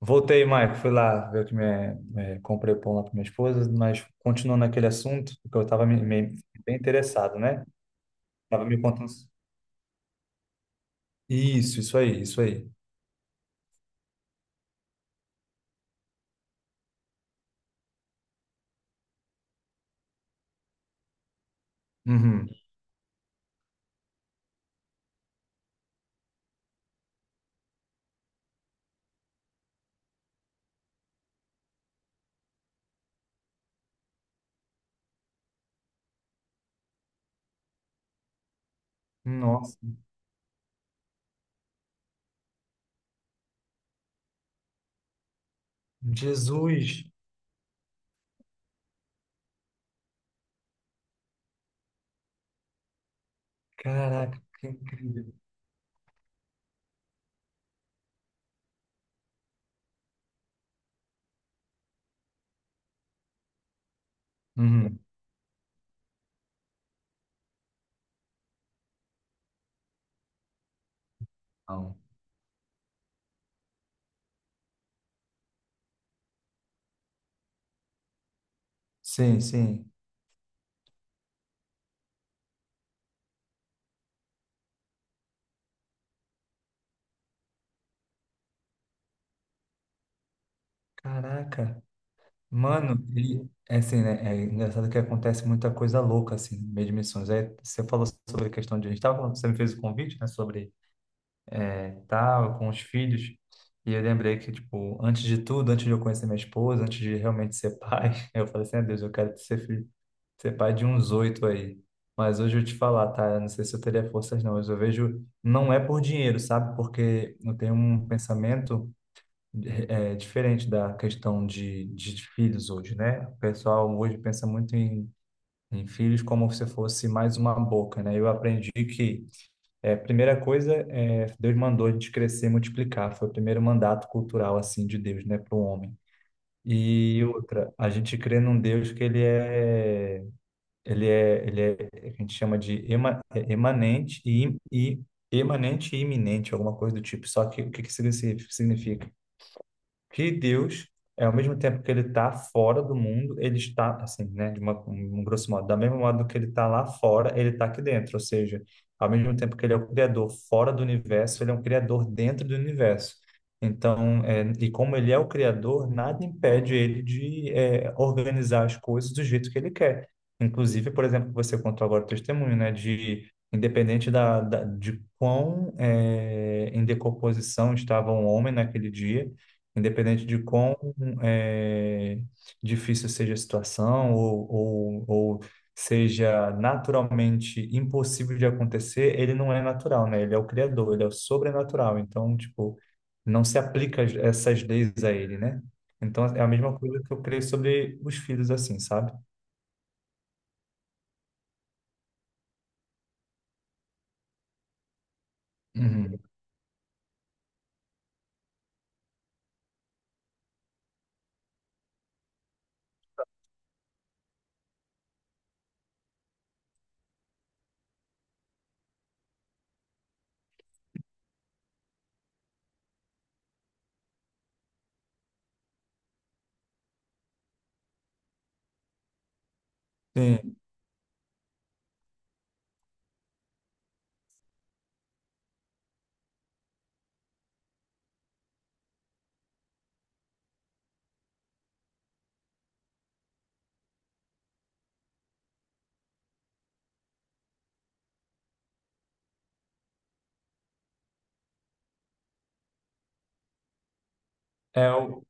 Voltei, Maico, fui lá ver o que me eh, comprei pão lá para minha esposa, mas continuando naquele assunto, porque eu estava bem interessado, né? Tava me contando. Isso aí, isso aí. Uhum. Nossa, Jesus! Caraca, que incrível. Uhum. Não. Sim, sim. Caraca. Mano, e é assim, né? É engraçado que acontece muita coisa louca, assim, no meio de missões. Aí você falou sobre a questão de. A gente estava falando, você me fez o convite, né? Sobre tal, com os filhos. E eu lembrei que, tipo, antes de tudo, antes de eu conhecer minha esposa, antes de realmente ser pai, eu falei assim, ah, Deus, eu quero ser pai de uns oito aí. Mas hoje eu te falar, tá? Eu não sei se eu teria forças, não. Mas eu vejo, não é por dinheiro, sabe? Porque eu tenho um pensamento diferente da questão de filhos hoje, né? O pessoal hoje pensa muito em filhos como se fosse mais uma boca, né? Eu aprendi que primeira coisa, Deus mandou a gente crescer e multiplicar. Foi o primeiro mandato cultural assim de Deus, né, para o homem. E outra, a gente crê num Deus que ele é, ele é, a gente chama de emanente e iminente, alguma coisa do tipo. Só que o que que significa? Que Deus, é, ao mesmo tempo que ele está fora do mundo, ele está, assim, né, de uma, um um grosso modo, da mesma modo que ele está lá fora, ele está aqui dentro. Ou seja, ao mesmo tempo que ele é o criador fora do universo, ele é um criador dentro do universo. Então, é, e como ele é o criador, nada impede ele de é, organizar as coisas do jeito que ele quer. Inclusive, por exemplo, você contou agora o testemunho, né, de independente de quão é, em decomposição estava o homem naquele dia. Independente de quão eh, difícil seja a situação ou seja naturalmente impossível de acontecer, ele não é natural, né? Ele é o criador, ele é o sobrenatural. Então, tipo, não se aplica as- essas leis a ele, né? Então, é a mesma coisa que eu creio sobre os filhos, assim, sabe? Uhum. Sim, é o...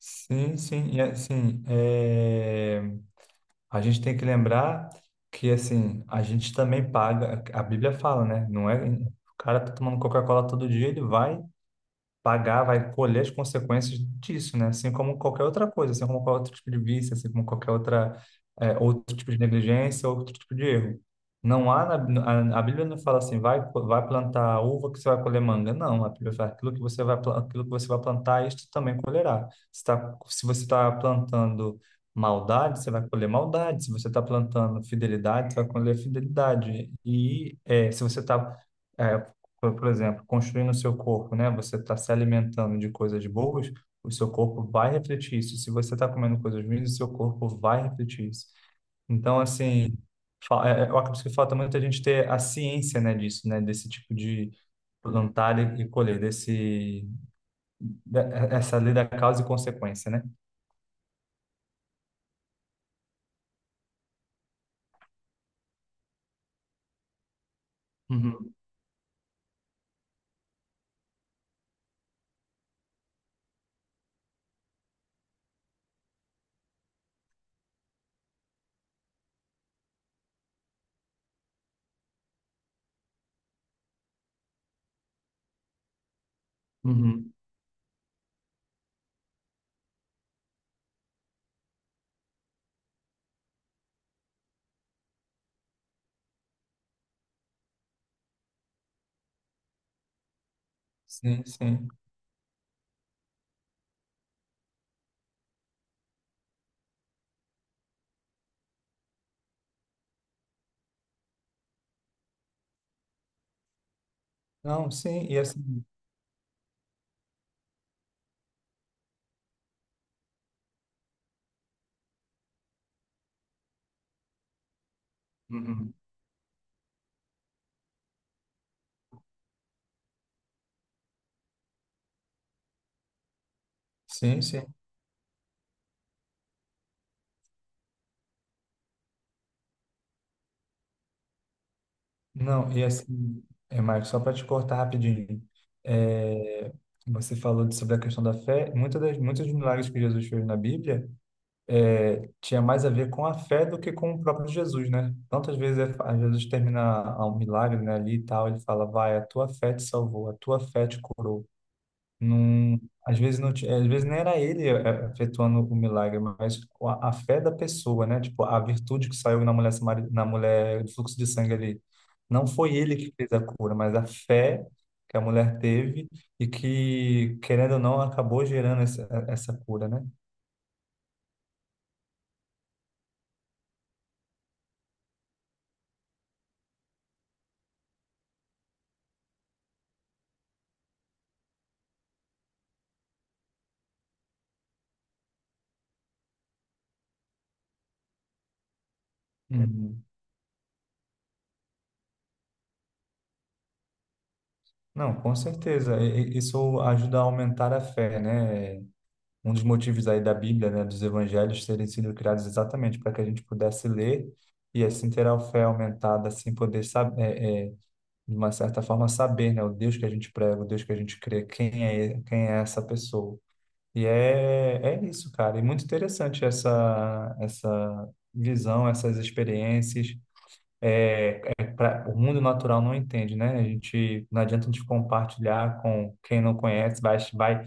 Sim, sim, e assim, A gente tem que lembrar que, assim, a gente também paga. A Bíblia fala, né? Não é. O cara tá tomando Coca-Cola todo dia, ele vai pagar, vai colher as consequências disso, né? Assim como qualquer outra coisa, assim como qualquer outro tipo de vício, assim como qualquer outra, outro tipo de negligência, outro tipo de erro. Não há, a Bíblia não fala assim, vai, co- vai plantar uva que você vai colher manga. Não, a Bíblia fala, aquilo que você vai, pla- aquilo que você vai plantar, isto também colherá. Se, tá, se você está plantando maldade, você vai colher maldade. Se você está plantando fidelidade, você vai colher fidelidade. E se você está por exemplo, construindo o seu corpo, né? Você está se alimentando de coisas boas, o seu corpo vai refletir isso. Se você está comendo coisas ruins, o seu corpo vai refletir isso. Então, assim, eu acredito que falta muito a gente ter a ciência, né, disso, né? Desse tipo de plantar e colher, da- essa lei da causa e consequência, né? Uhum, uhum, sim, sim. Não, sim, e assim, uhum. Sim, sim. Não, e assim, Marcos, só para te cortar rapidinho, é, você falou sobre a questão da fé, muitas das, muitos dos milagres que Jesus fez na Bíblia é, tinha mais a ver com a fé do que com o próprio Jesus, né? Tantas vezes Jesus termina um milagre, né, ali e tal, ele fala, vai, a tua fé te salvou, a tua fé te curou. Não, às vezes não, às vezes nem era ele efetuando o milagre, mas a fé da pessoa, né? Tipo, a virtude que saiu na mulher, na mulher do fluxo de sangue ali. Não foi ele que fez a cura, mas a fé que a mulher teve e que, querendo ou não, acabou gerando essa cura, né? Uhum. Não, com certeza. E- isso ajuda a aumentar a fé, né? Um dos motivos aí da Bíblia, né, dos evangelhos terem sido criados exatamente para que a gente pudesse ler e assim ter a fé aumentada, assim poder saber, de uma certa forma saber, né, o Deus que a gente prega, o Deus que a gente crê, quem é essa pessoa. E é, é isso, cara. E muito interessante essa visão, essas experiências. É, o mundo natural não entende, né? A gente não adianta a gente compartilhar com quem não conhece, vai,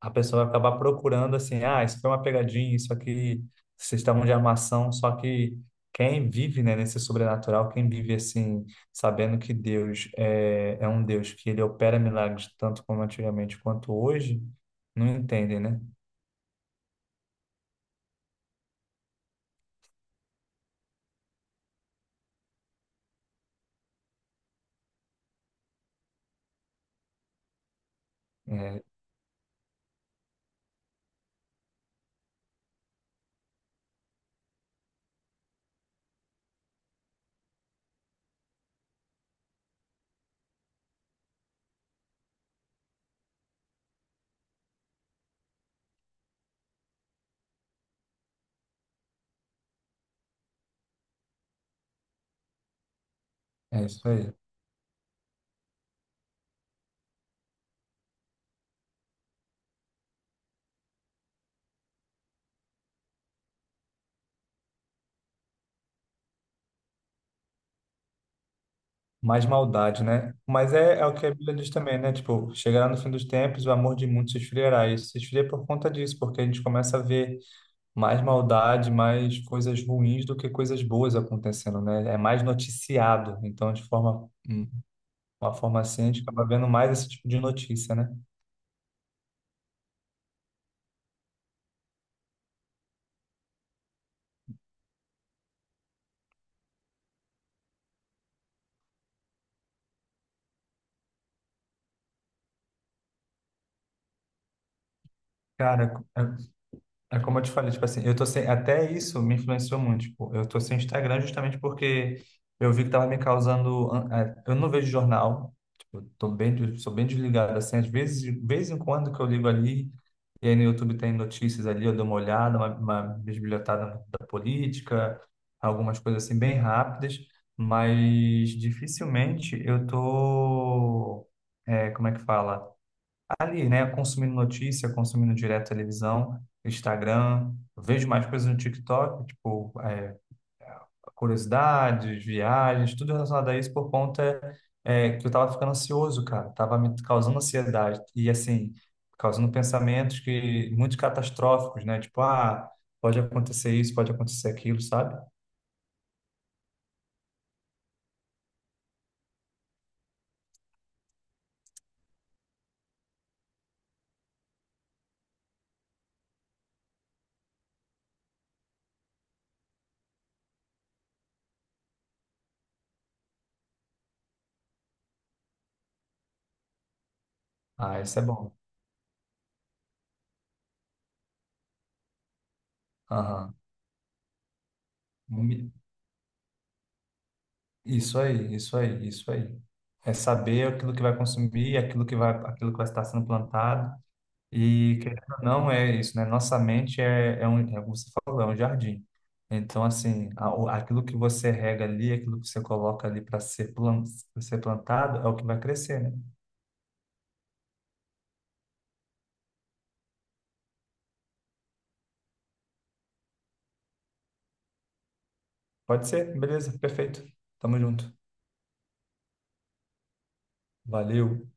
a pessoa vai acabar procurando assim, ah, isso foi uma pegadinha, isso aqui, vocês estavam de armação, só que quem vive, né, nesse sobrenatural, quem vive assim, sabendo que Deus é um Deus que ele opera milagres tanto como antigamente quanto hoje, não entendem, né? É, é isso aí. Mais maldade, né? Mas é, é o que a Bíblia diz também, né? Tipo, chegará no fim dos tempos, o amor de muitos se esfriará. Isso se esfria por conta disso, porque a gente começa a ver mais maldade, mais coisas ruins do que coisas boas acontecendo, né? É mais noticiado. Então, uma forma assim, a gente acaba vendo mais esse tipo de notícia, né? Cara, é como eu te falei, tipo assim, eu tô sem, até isso me influenciou muito, tipo, eu tô sem Instagram justamente porque eu vi que tava me causando, eu não vejo jornal, tipo, eu tô bem, des- sou bem desligado, assim, às vezes, de vez em quando que eu ligo ali, e aí no YouTube tem notícias ali, eu dou uma olhada, uma bisbilhotada da política, algumas coisas assim bem rápidas, mas dificilmente eu tô, como é que fala? Ali, né, consumindo notícia, consumindo direto televisão, Instagram, eu vejo mais coisas no TikTok, tipo, curiosidades, viagens, tudo relacionado a isso por conta que eu tava ficando ansioso, cara, tava me causando ansiedade e, assim, causando pensamentos que muito catastróficos, né, tipo, ah, pode acontecer isso, pode acontecer aquilo, sabe? Ah, isso é bom. Aham. Me- Isso aí, isso aí, isso aí. É saber aquilo que vai consumir, aquilo que vai estar sendo plantado. E querendo ou não é isso, né? Nossa mente é, é um, é como você falou, é um jardim. Então, assim, aquilo que você rega ali, aquilo que você coloca ali pra ser plantado, é o que vai crescer, né? Pode ser, beleza, perfeito. Tamo junto. Valeu.